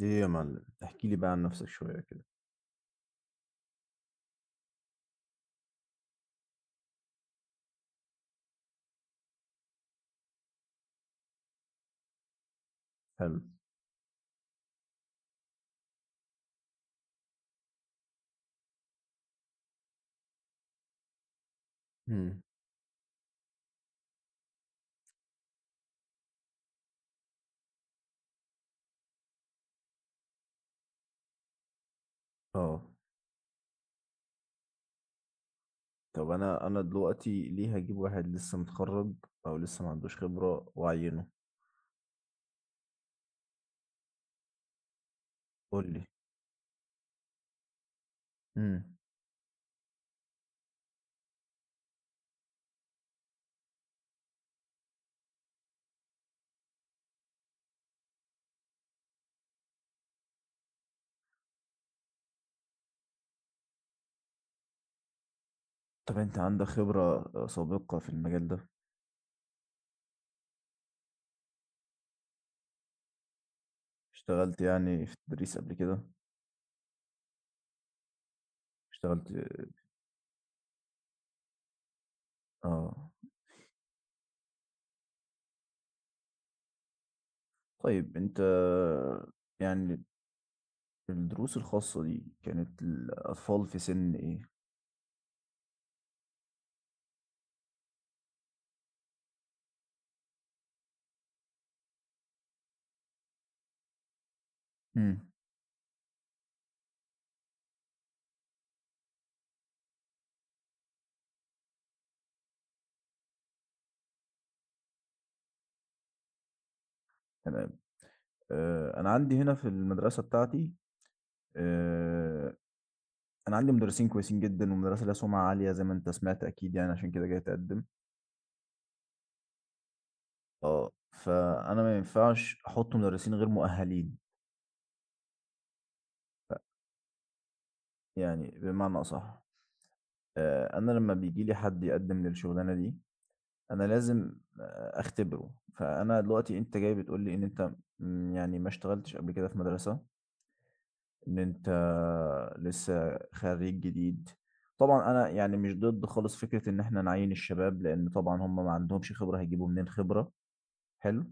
ايه يا معلم، احكي لي بقى عن نفسك شوية كده. حلو. مم. اه، طب انا دلوقتي ليه هجيب واحد لسه متخرج او لسه ما عندوش خبرة واعينه؟ قول لي. مم. طب انت عندك خبرة سابقة في المجال ده؟ اشتغلت يعني في التدريس قبل كده؟ اشتغلت؟ اه، طيب انت يعني، الدروس الخاصة دي كانت الأطفال في سن ايه؟ مم. تمام. انا عندي هنا في المدرسه بتاعتي. آه، انا عندي مدرسين كويسين جدا ومدرسه لها سمعه عاليه، زي ما انت سمعت اكيد، يعني عشان كده جاي اتقدم. اه، فانا ما ينفعش احط مدرسين غير مؤهلين. يعني بمعنى اصح، انا لما بيجي لي حد يقدم للشغلانه دي انا لازم اختبره. فانا دلوقتي انت جاي بتقول لي ان انت يعني ما اشتغلتش قبل كده في مدرسه، ان انت لسه خريج جديد. طبعا انا يعني مش ضد خالص فكره ان احنا نعين الشباب، لان طبعا هم ما عندهمش خبره، هيجيبوا منين خبره؟ حلو،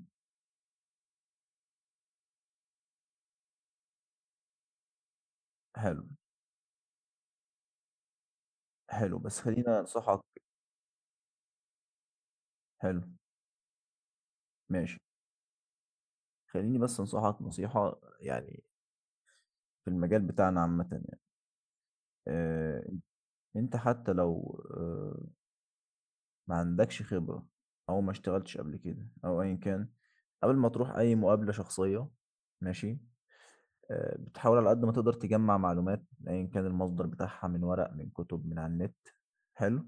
حلو، حلو، بس خلّيني أنصحك. حلو. ماشي. خلّيني بس أنصحك نصيحة يعني، في المجال بتاعنا عامةً، يعني، آآ أنت حتى لو ما عندكش خبرة أو ما اشتغلتش قبل كده أو أيًا كان، قبل ما تروح أي مقابلة شخصية، ماشي، بتحاول على قد ما تقدر تجمّع معلومات، أيًا كان المصدر بتاعها، من ورق، من كتب، من على النت، حلو،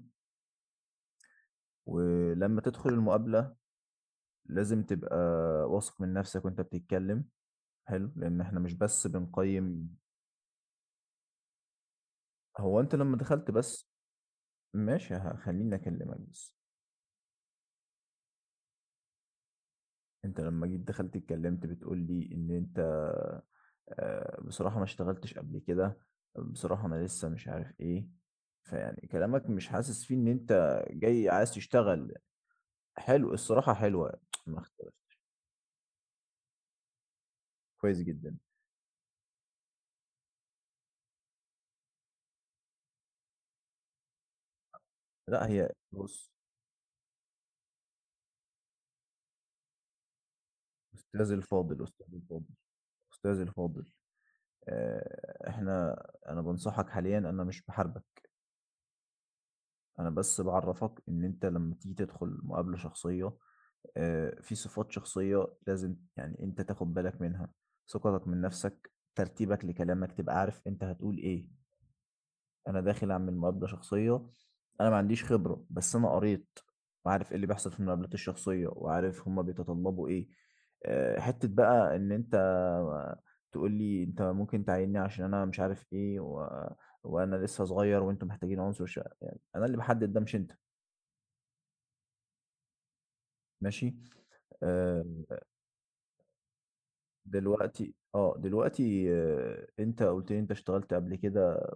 ولمّا تدخل المقابلة لازم تبقى واثق من نفسك وأنت بتتكلم. حلو. لإن إحنا مش بس بنقيّم. هو أنت لمّا دخلت بس، ماشي، خلّيني أكلّمك بس. أنت لمّا جيت دخلت اتكلّمت بتقول لي إن أنت بصراحة ما اشتغلتش قبل كده، بصراحة أنا لسه مش عارف إيه، فيعني كلامك مش حاسس فيه إن أنت جاي عايز تشتغل. حلو، الصراحة حلوة. ما اختلف. كويس جدًا. لأ، هي بُص، أستاذي الفاضل، أستاذي الفاضل، أستاذي الفاضل، إحنا، أنا بانصحك حاليًا، أنا مش باحاربك. انا بس بعرفك ان انت لما تيجي تدخل مقابلة شخصية في صفات شخصية لازم يعني انت تاخد بالك منها، ثقتك من نفسك، ترتيبك لكلامك، تبقى عارف انت هتقول ايه. انا داخل اعمل مقابلة شخصية، انا ما عنديش خبرة بس انا قريت وعارف ايه اللي بيحصل في المقابلات الشخصية وعارف هما بيتطلبوا ايه. حتة بقى ان انت تقول لي انت ممكن تعيني عشان انا مش عارف ايه وانا لسه صغير وانتم محتاجين عنصر شقة. يعني انا اللي بحدد ده، مش انت. ماشي. آه، دلوقتي انت قلت لي انت اشتغلت قبل كده،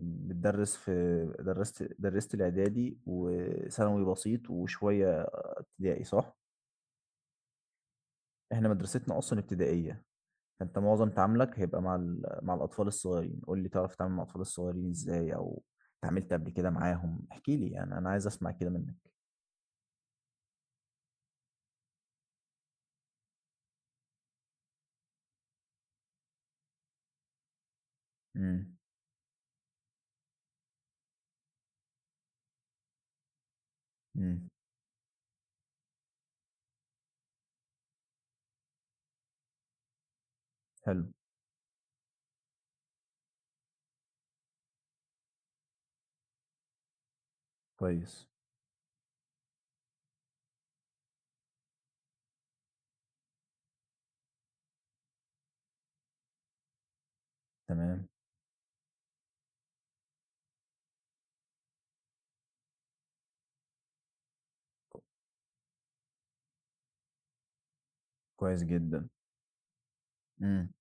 بتدرس في، درست الاعدادي وثانوي بسيط وشويه ابتدائي، صح؟ احنا مدرستنا اصلا ابتدائيه. فانت معظم تعاملك هيبقى مع الاطفال الصغيرين. قول لي، تعرف تتعامل مع الاطفال الصغيرين ازاي، او اتعاملت قبل كده معاهم؟ احكي لي، يعني انا عايز اسمع كده منك. امم. امم. حلو. كويس. تمام. كويس جدا. امم.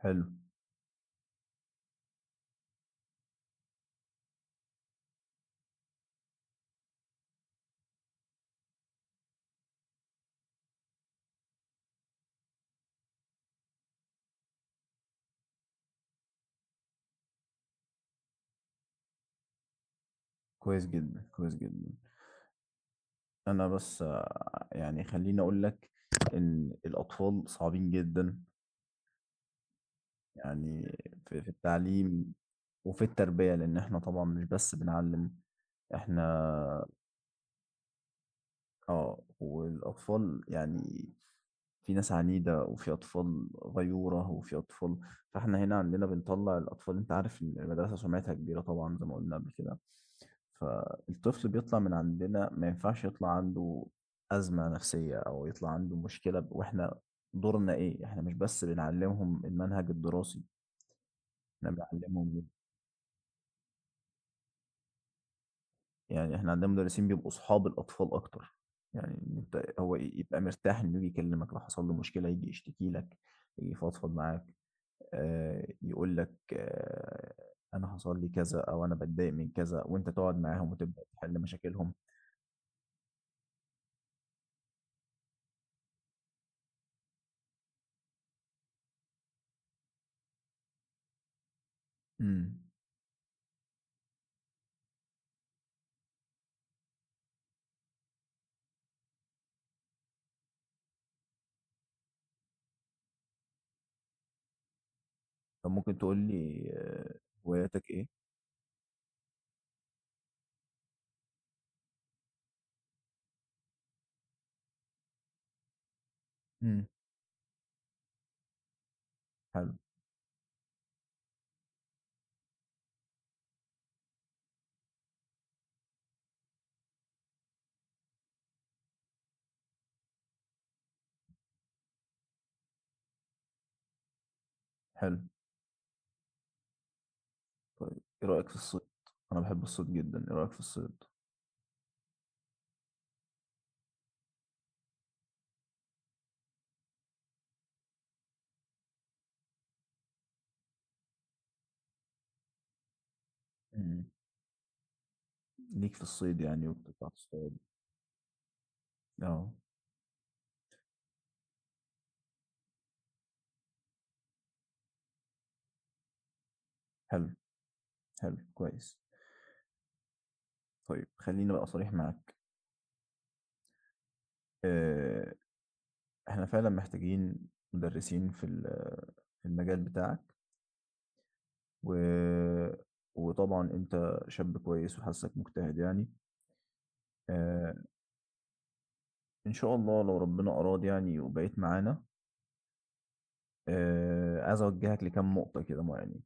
حلو. كويس جدا، كويس جدا. أنا بس يعني خلّيني أقول لك إن الأطفال صعبين جدًا، يعني في التعليم وفي التربية، لإن إحنا طبعًا مش بس بنعلّم، إحنا والأطفال يعني، في ناس عنيدة وفي أطفال غيورة وفي أطفال، فإحنا هنا عندنا بنطلع الأطفال. أنت عارف المدرسة سمعتها كبيرة طبعا زي ما قلنا قبل كده، فالطفل بيطلع من عندنا ما ينفعش يطلع عنده أزمة نفسية أو يطلع عنده مشكلة. وإحنا دورنا إيه؟ إحنا مش بس بنعلمهم المنهج الدراسي، إحنا بنعلمهم. يعني إحنا عندنا مدرسين بيبقوا أصحاب الأطفال أكتر، يعني أنت هو يبقى مرتاح إنه يجي يكلمك، لو حصل له مشكلة يجي يشتكي لك، يجي يفضفض معاك، يقول لك أنا حصل لي كذا، أو أنا باتضايق من كذا، وأنت تقعد معاهم وتبدأ تحل مشاكلهم. إمم. طب ممكن تقول لي، هواياتك إيه؟ إمم. حلو، حلو. طيب إيه رأيك في الصيد؟ أنا باحب الصيد جدًا، إيه رأيك في الصيد؟ إمم. ليك في الصيد، يعني وبتطلع تصطاد؟ آه. حلو، حلو، كويس. طيب خلّيني بقى صريح معاك، آآ إحنا فعلًا محتاجين مدرسين في المجال بتاعك. و... وطبعا انت شاب كويس وحاسك مجتهد يعني، آه ان شاء الله لو ربنا اراد يعني وبقيت معانا، عايز اوجهك لكام نقطة كده معينين.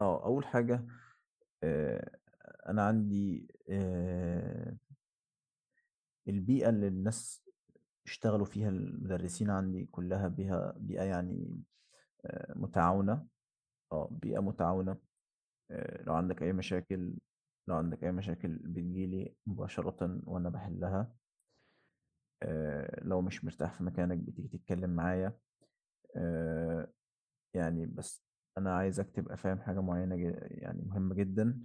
اه، اول حاجة، آه انا عندي البيئة اللي الناس اشتغلوا فيها المدرسين عندي كلها بيها بيئة يعني متعاونة. اه، بيئة متعاونة. آه لو عندك اي مشاكل لو عندك اي مشاكل بتجيلي مباشرة وانا بحلها. لو مش مرتاح في مكانك بتيجي تتكلم معايا. آه، يعني بس انا عايزك تبقى فاهم حاجة معينة يعني مهمة جدا.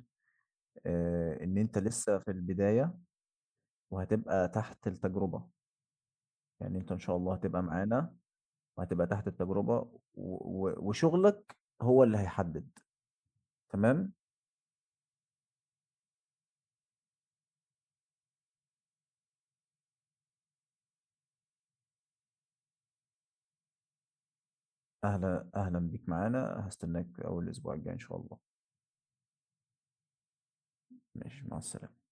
ان انت لسه في البداية وهتبقى تحت التجربة، يعني انت ان شاء الله هتبقى معانا وهتبقى تحت التجربة وشغلك هو اللي هيحدد. تمام. اهلا، اهلا بيك معانا. هستناك اول اسبوع الجاي ان شاء الله. ماشي، مع السلامة.